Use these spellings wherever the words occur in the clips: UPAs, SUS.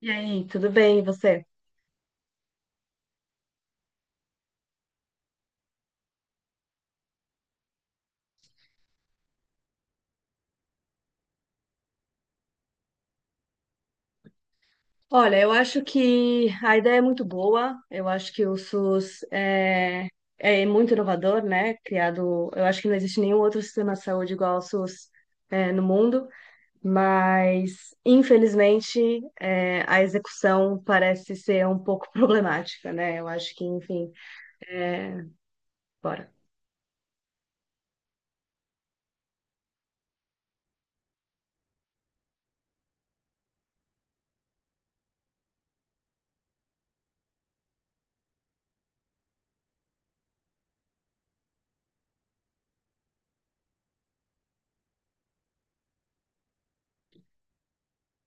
E aí, tudo bem, e você? Olha, eu acho que a ideia é muito boa, eu acho que o SUS é muito inovador, né? Criado, eu acho que não existe nenhum outro sistema de saúde igual ao SUS, no mundo, mas infelizmente a execução parece ser um pouco problemática, né? Eu acho que, enfim, eh, bora.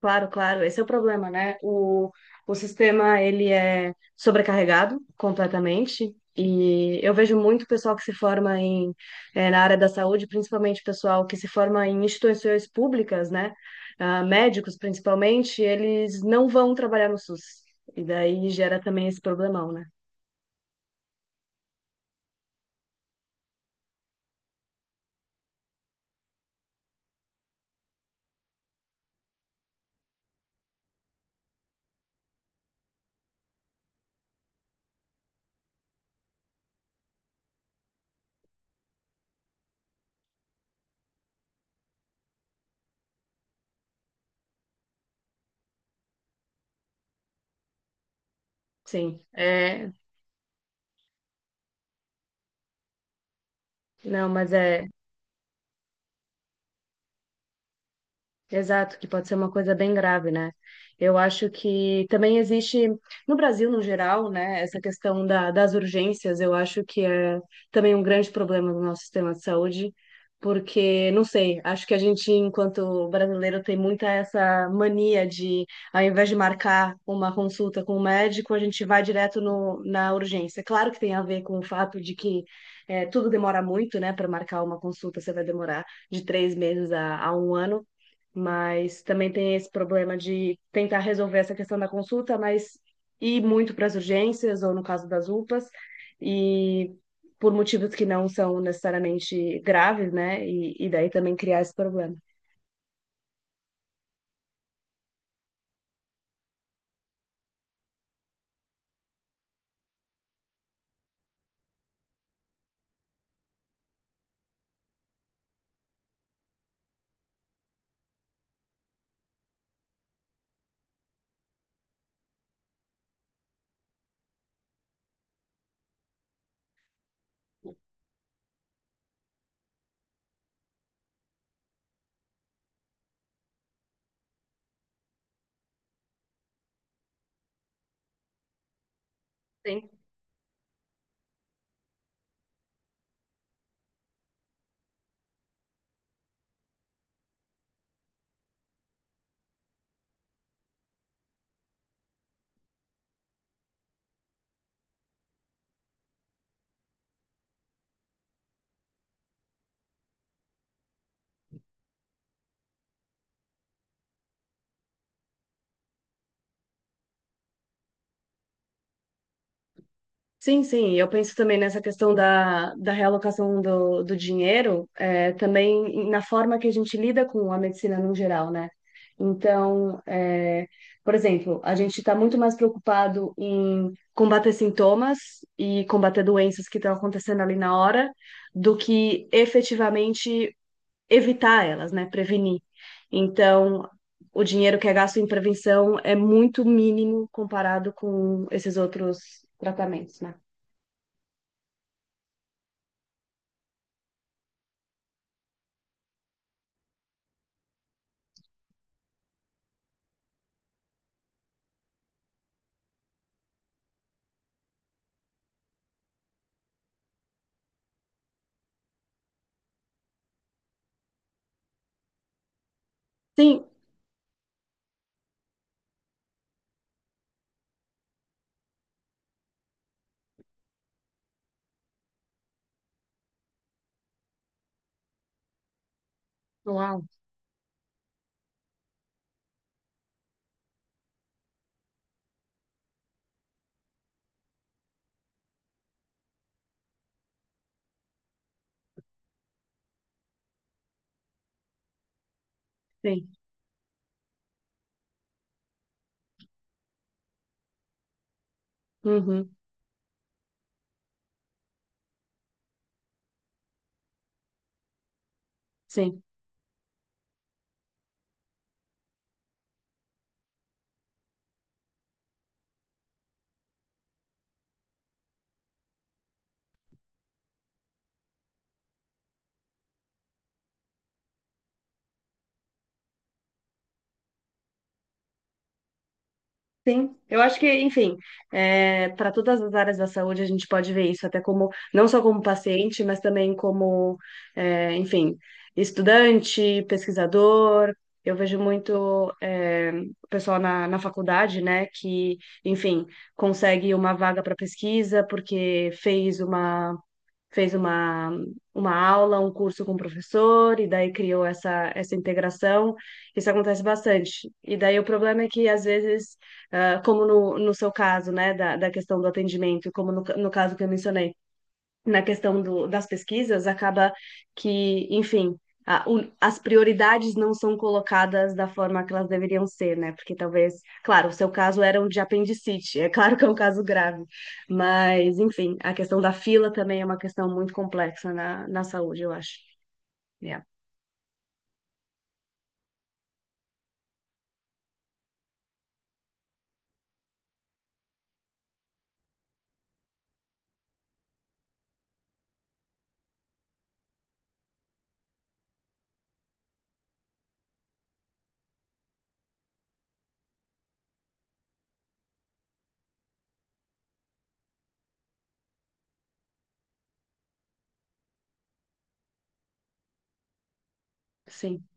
Claro, claro, esse é o problema, né? O sistema, ele é sobrecarregado completamente e eu vejo muito pessoal que se forma em, na área da saúde, principalmente pessoal que se forma em instituições públicas, né? Ah, médicos, principalmente, eles não vão trabalhar no SUS. E daí gera também esse problemão, né? Sim, é... Não, mas é Exato, que pode ser uma coisa bem grave, né? Eu acho que também existe, no Brasil no geral, né, essa questão das urgências, eu acho que é também um grande problema do nosso sistema de saúde, porque, não sei, acho que a gente, enquanto brasileiro, tem muita essa mania de, ao invés de marcar uma consulta com o médico, a gente vai direto no, na urgência. Claro que tem a ver com o fato de que tudo demora muito, né, para marcar uma consulta, você vai demorar de 3 meses a um ano, mas também tem esse problema de tentar resolver essa questão da consulta, mas ir muito para as urgências, ou no caso das UPAs, e por motivos que não são necessariamente graves, né? E daí também criar esse problema. Tem. Sim, sim, eu penso também nessa questão da realocação do dinheiro, é, também na forma que a gente lida com a medicina no geral, né? Então, é, por exemplo, a gente está muito mais preocupado em combater sintomas e combater doenças que estão acontecendo ali na hora, do que efetivamente evitar elas, né? Prevenir. Então, o dinheiro que é gasto em prevenção é muito mínimo comparado com esses outros tratamentos, né? Sim, uau, sim, uhum, sim, sim. Eu acho que, enfim, para todas as áreas da saúde a gente pode ver isso, até como, não só como paciente, mas também como, é, enfim, estudante, pesquisador. Eu vejo muito, é, o pessoal na faculdade, né, que, enfim, consegue uma vaga para pesquisa porque fez uma aula, um curso com o professor, e daí criou essa integração. Isso acontece bastante. E daí o problema é que, às vezes, ah, como no seu caso, né, da questão do atendimento, como no caso que eu mencionei, na questão do, das pesquisas, acaba que, enfim, a- o- as prioridades não são colocadas da forma que elas deveriam ser, né? Porque talvez, claro, o seu caso era um de apendicite, é claro que é um caso grave, mas, enfim, a questão da fila também é uma questão muito complexa na saúde, eu acho. Yeah. Sim,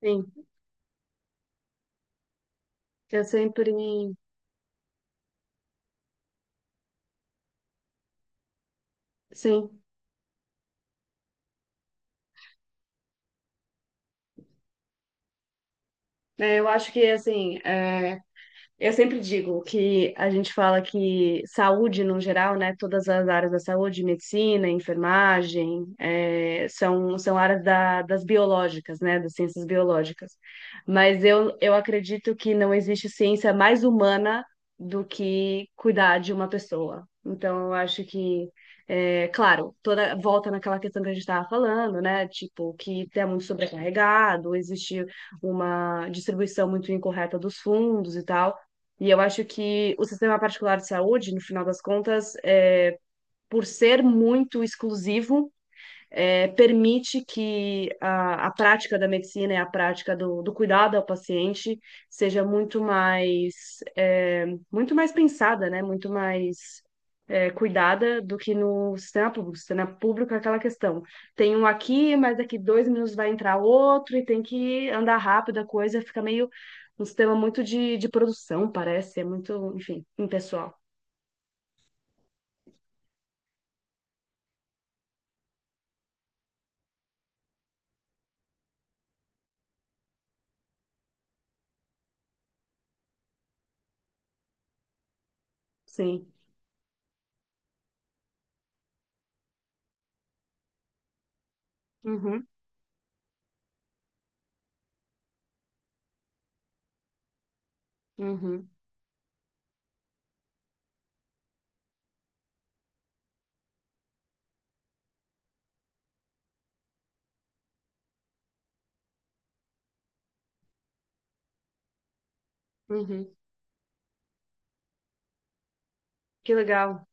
sim, eu sempre, sim. Eu acho que, assim, é, eu sempre digo que a gente fala que saúde, no geral, né, todas as áreas da saúde, medicina, enfermagem, são, são áreas da- das biológicas, né, das ciências biológicas. Mas eu acredito que não existe ciência mais humana do que cuidar de uma pessoa. Então, eu acho que, claro, toda volta naquela questão que a gente estava falando, né, tipo, que tem muito sobrecarregado, existe uma distribuição muito incorreta dos fundos e tal. E eu acho que o sistema particular de saúde, no final das contas, é, por ser muito exclusivo, é, permite que a prática da medicina e a prática do cuidado ao paciente seja muito mais, é, muito mais pensada, né? Muito mais é, cuidada do que no sistema público. O sistema público é aquela questão. Tem um aqui, mas daqui 2 minutos vai entrar outro e tem que andar rápido a coisa, fica meio um sistema muito de produção, parece, é muito, enfim, impessoal. Sim. Uhum, uhum, uhum. Que legal.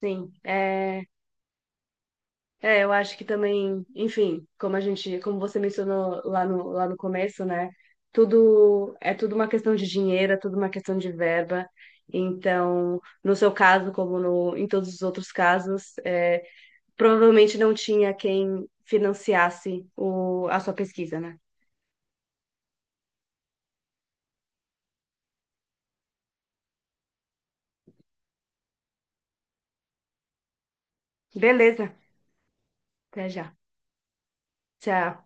Sim. É, é, eu acho que também, enfim, como a gente, como você mencionou lá no começo, né? Tudo é tudo uma questão de dinheiro, é tudo uma questão de verba. Então, no seu caso, como no, em todos os outros casos, é, provavelmente não tinha quem financiasse a sua pesquisa, né? Beleza, até já. Tchau.